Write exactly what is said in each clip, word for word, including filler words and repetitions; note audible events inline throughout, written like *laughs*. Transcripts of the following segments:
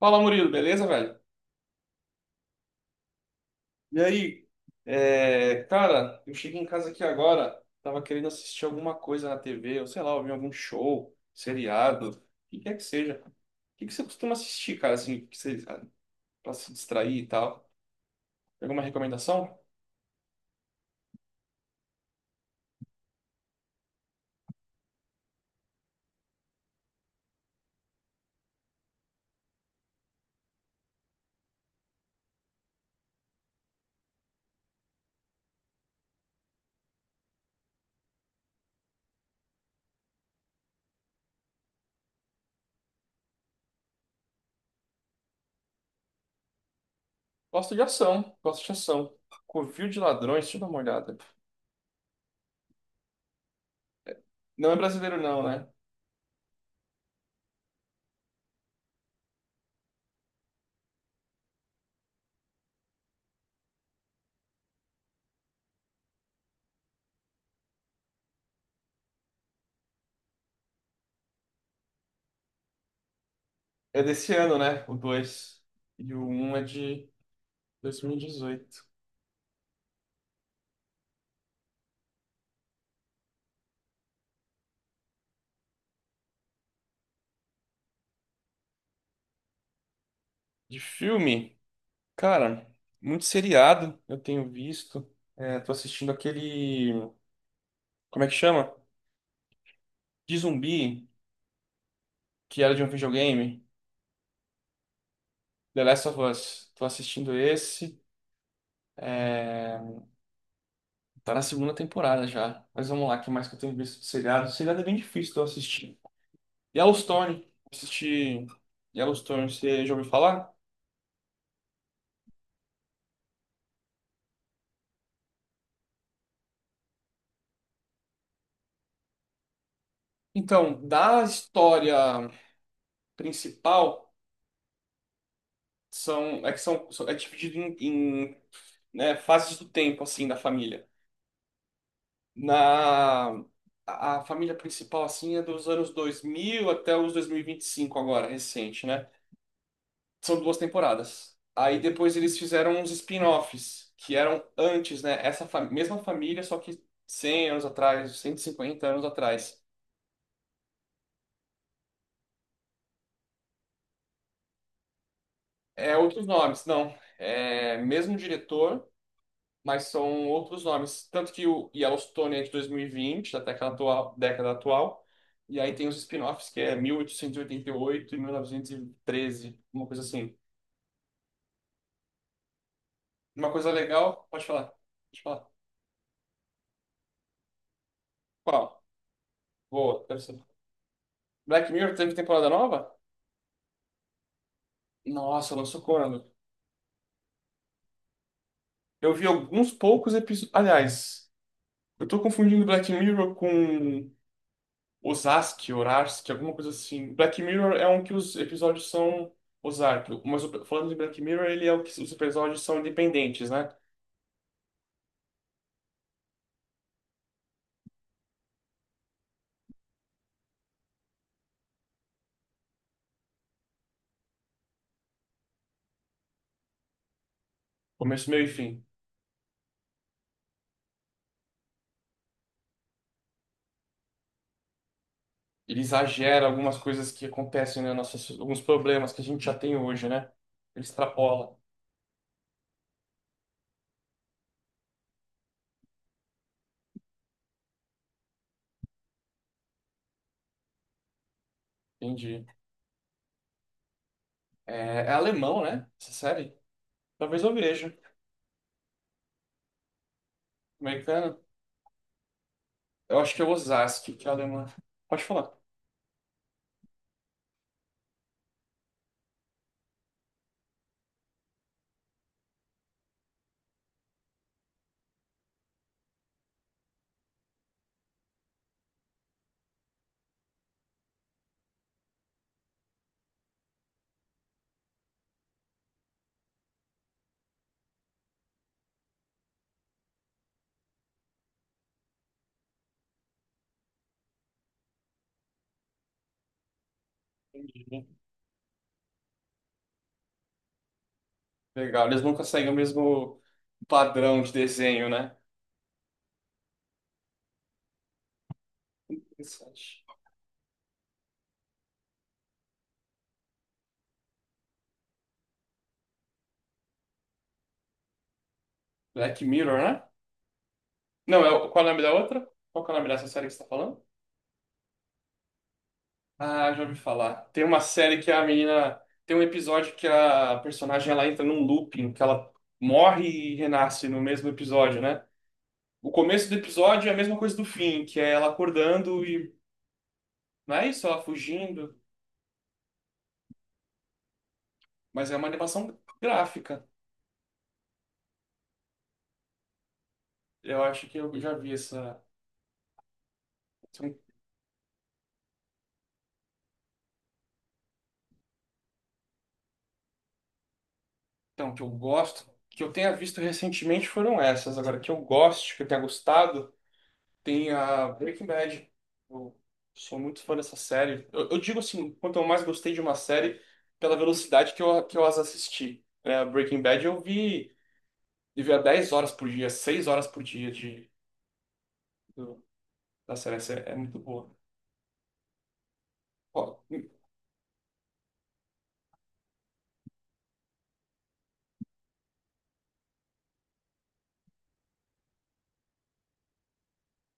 Fala, Murilo, beleza, velho? E aí, é, cara, eu cheguei em casa aqui agora, tava querendo assistir alguma coisa na T V, ou sei lá, ouvir algum show, seriado, o que quer que seja. O que que você costuma assistir, cara, assim, que você, ah, pra se distrair e tal? Tem alguma recomendação? Gosto de ação, gosto de ação. Covil de Ladrões, deixa eu dar uma olhada. Não é brasileiro, não, né? É desse ano, né? O dois. E o um é de dois mil e dezoito. De filme. Cara, muito seriado eu tenho visto. É, tô assistindo aquele. Como é que chama? De zumbi, que era de um videogame. The Last of Us. Tô assistindo esse. Tá na segunda temporada já. Mas vamos lá, o que mais que eu tenho visto de seriado? Seriado é bem difícil de eu assistir. Yellowstone. Assisti Yellowstone, você já ouviu falar? Então, da história principal, são, é que são, é dividido em, em, né, fases do tempo, assim, da família. Na a a família principal assim é dos anos dois mil até os dois mil e e vinte e cinco agora, recente, né? São duas temporadas. Aí depois eles fizeram uns spin-offs que eram antes, né? Essa fa- mesma família, só que cem anos atrás, cento e cinquenta anos atrás. É outros nomes, não. É mesmo diretor, mas são outros nomes. Tanto que o Yellowstone é de dois mil e vinte, da década atual, década atual. E aí tem os spin-offs, que é mil oitocentos e oitenta e e e oito, mil novecentos e treze, uma coisa assim. Uma coisa legal, pode falar. Pode falar. Qual? Boa, quero saber. Black Mirror teve temporada nova? Nossa, lançou quando? Eu vi alguns poucos episódios. Aliás, eu tô confundindo Black Mirror com Osaski, Orarsk, alguma coisa assim. Black Mirror é um que os episódios são. Ozark, mas o- falando de Black Mirror, ele é o que os episódios são independentes, né? Começo, meio e fim. Ele exagera algumas coisas que acontecem na nossa, so- alguns problemas que a gente já tem hoje, né? Ele extrapola. Entendi. É, é alemão, né? Essa série? Talvez eu veja. Americana? Eu acho que é Osaski, que é alemã. Pode falar. Entendi. Legal. Eles não conseguem o mesmo padrão de desenho, né? Interessante. Black Mirror, né? Não, é, o- qual é o nome da outra? Qual que é o nome dessa série que você tá falando? Ah, já ouvi falar. Tem uma série que a menina. Tem um episódio que a personagem ela entra num looping, que ela morre e renasce no mesmo episódio, né? O começo do episódio é a mesma coisa do fim, que é ela acordando e. Não é isso, ela fugindo. Mas é uma animação gráfica. Eu acho que eu já vi essa. Então, que eu gosto. Que eu tenha visto recentemente foram essas. Agora, que eu gosto, que eu tenha gostado. Tem a Breaking Bad. Eu sou muito fã dessa série. Eu, eu digo assim, quanto eu mais gostei de uma série, pela velocidade que eu, que eu as assisti. É, Breaking Bad eu vi, eu via dez horas por dia, seis horas por dia de, do- da série. Essa é, é muito boa. Ó,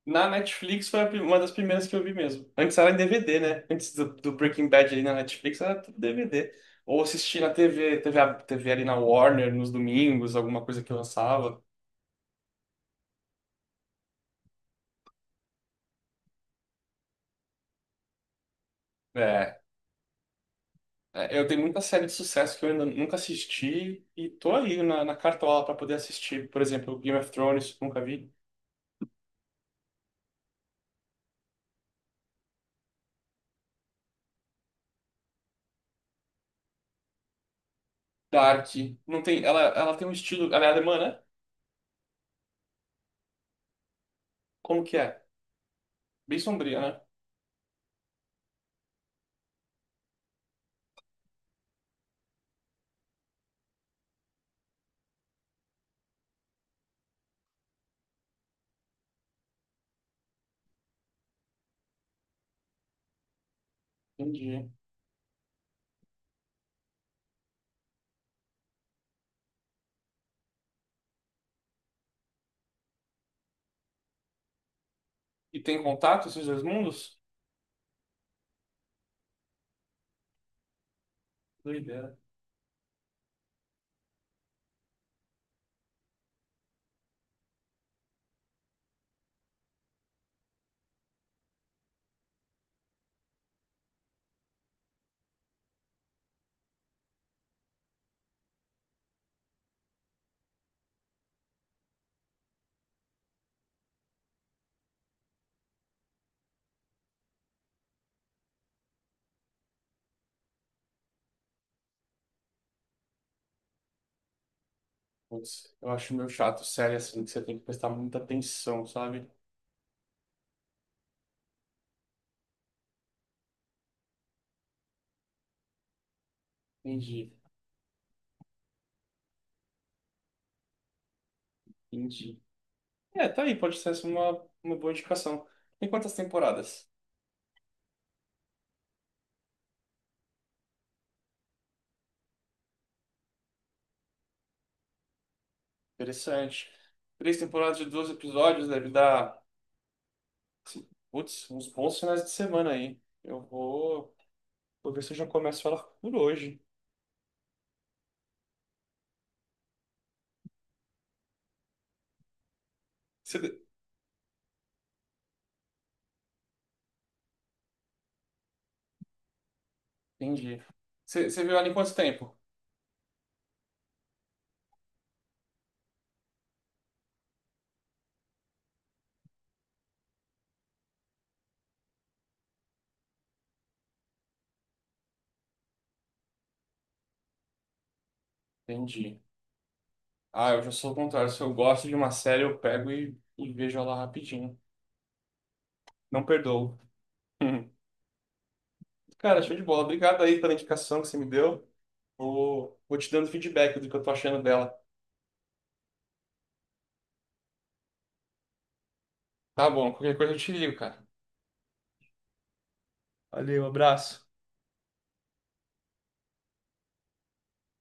na Netflix foi a pri- uma das primeiras que eu vi mesmo. Antes era em D V D, né? Antes do, do Breaking Bad ali na Netflix era tudo DVD. Ou assisti na TV, TV, a- TV ali na Warner, nos domingos, alguma coisa que lançava. é É, eu tenho muita série de sucesso que eu ainda nunca assisti e tô ali na, na cartola para poder assistir. Por exemplo, Game of Thrones, nunca vi. Dark, não tem, ela, ela tem um estilo, ela é alemã, né? Como que é? Bem sombria, né? Entendi. E tem contato esses dois mundos? Doideira. Putz, eu acho meio chato, série assim, que você tem que prestar muita atenção, sabe? Entendi, entendi. É, tá aí, pode ser essa uma, uma boa indicação. Tem quantas temporadas? Interessante. Três temporadas de doze episódios deve dar. Putz, uns bons finais de semana aí. Eu vou, vou ver se eu já começo ela por hoje. Você... Entendi. Você, você viu ela em quanto tempo? Entendi. Ah, eu já sou o contrário. Se eu gosto de uma série, eu pego e, e vejo ela rapidinho. Não perdoo. *laughs* Hum. Cara, show de bola. Obrigado aí pela indicação que você me deu. Vou, vou te dando feedback do que eu tô achando dela. Tá bom, qualquer coisa eu te ligo, cara. Valeu, abraço.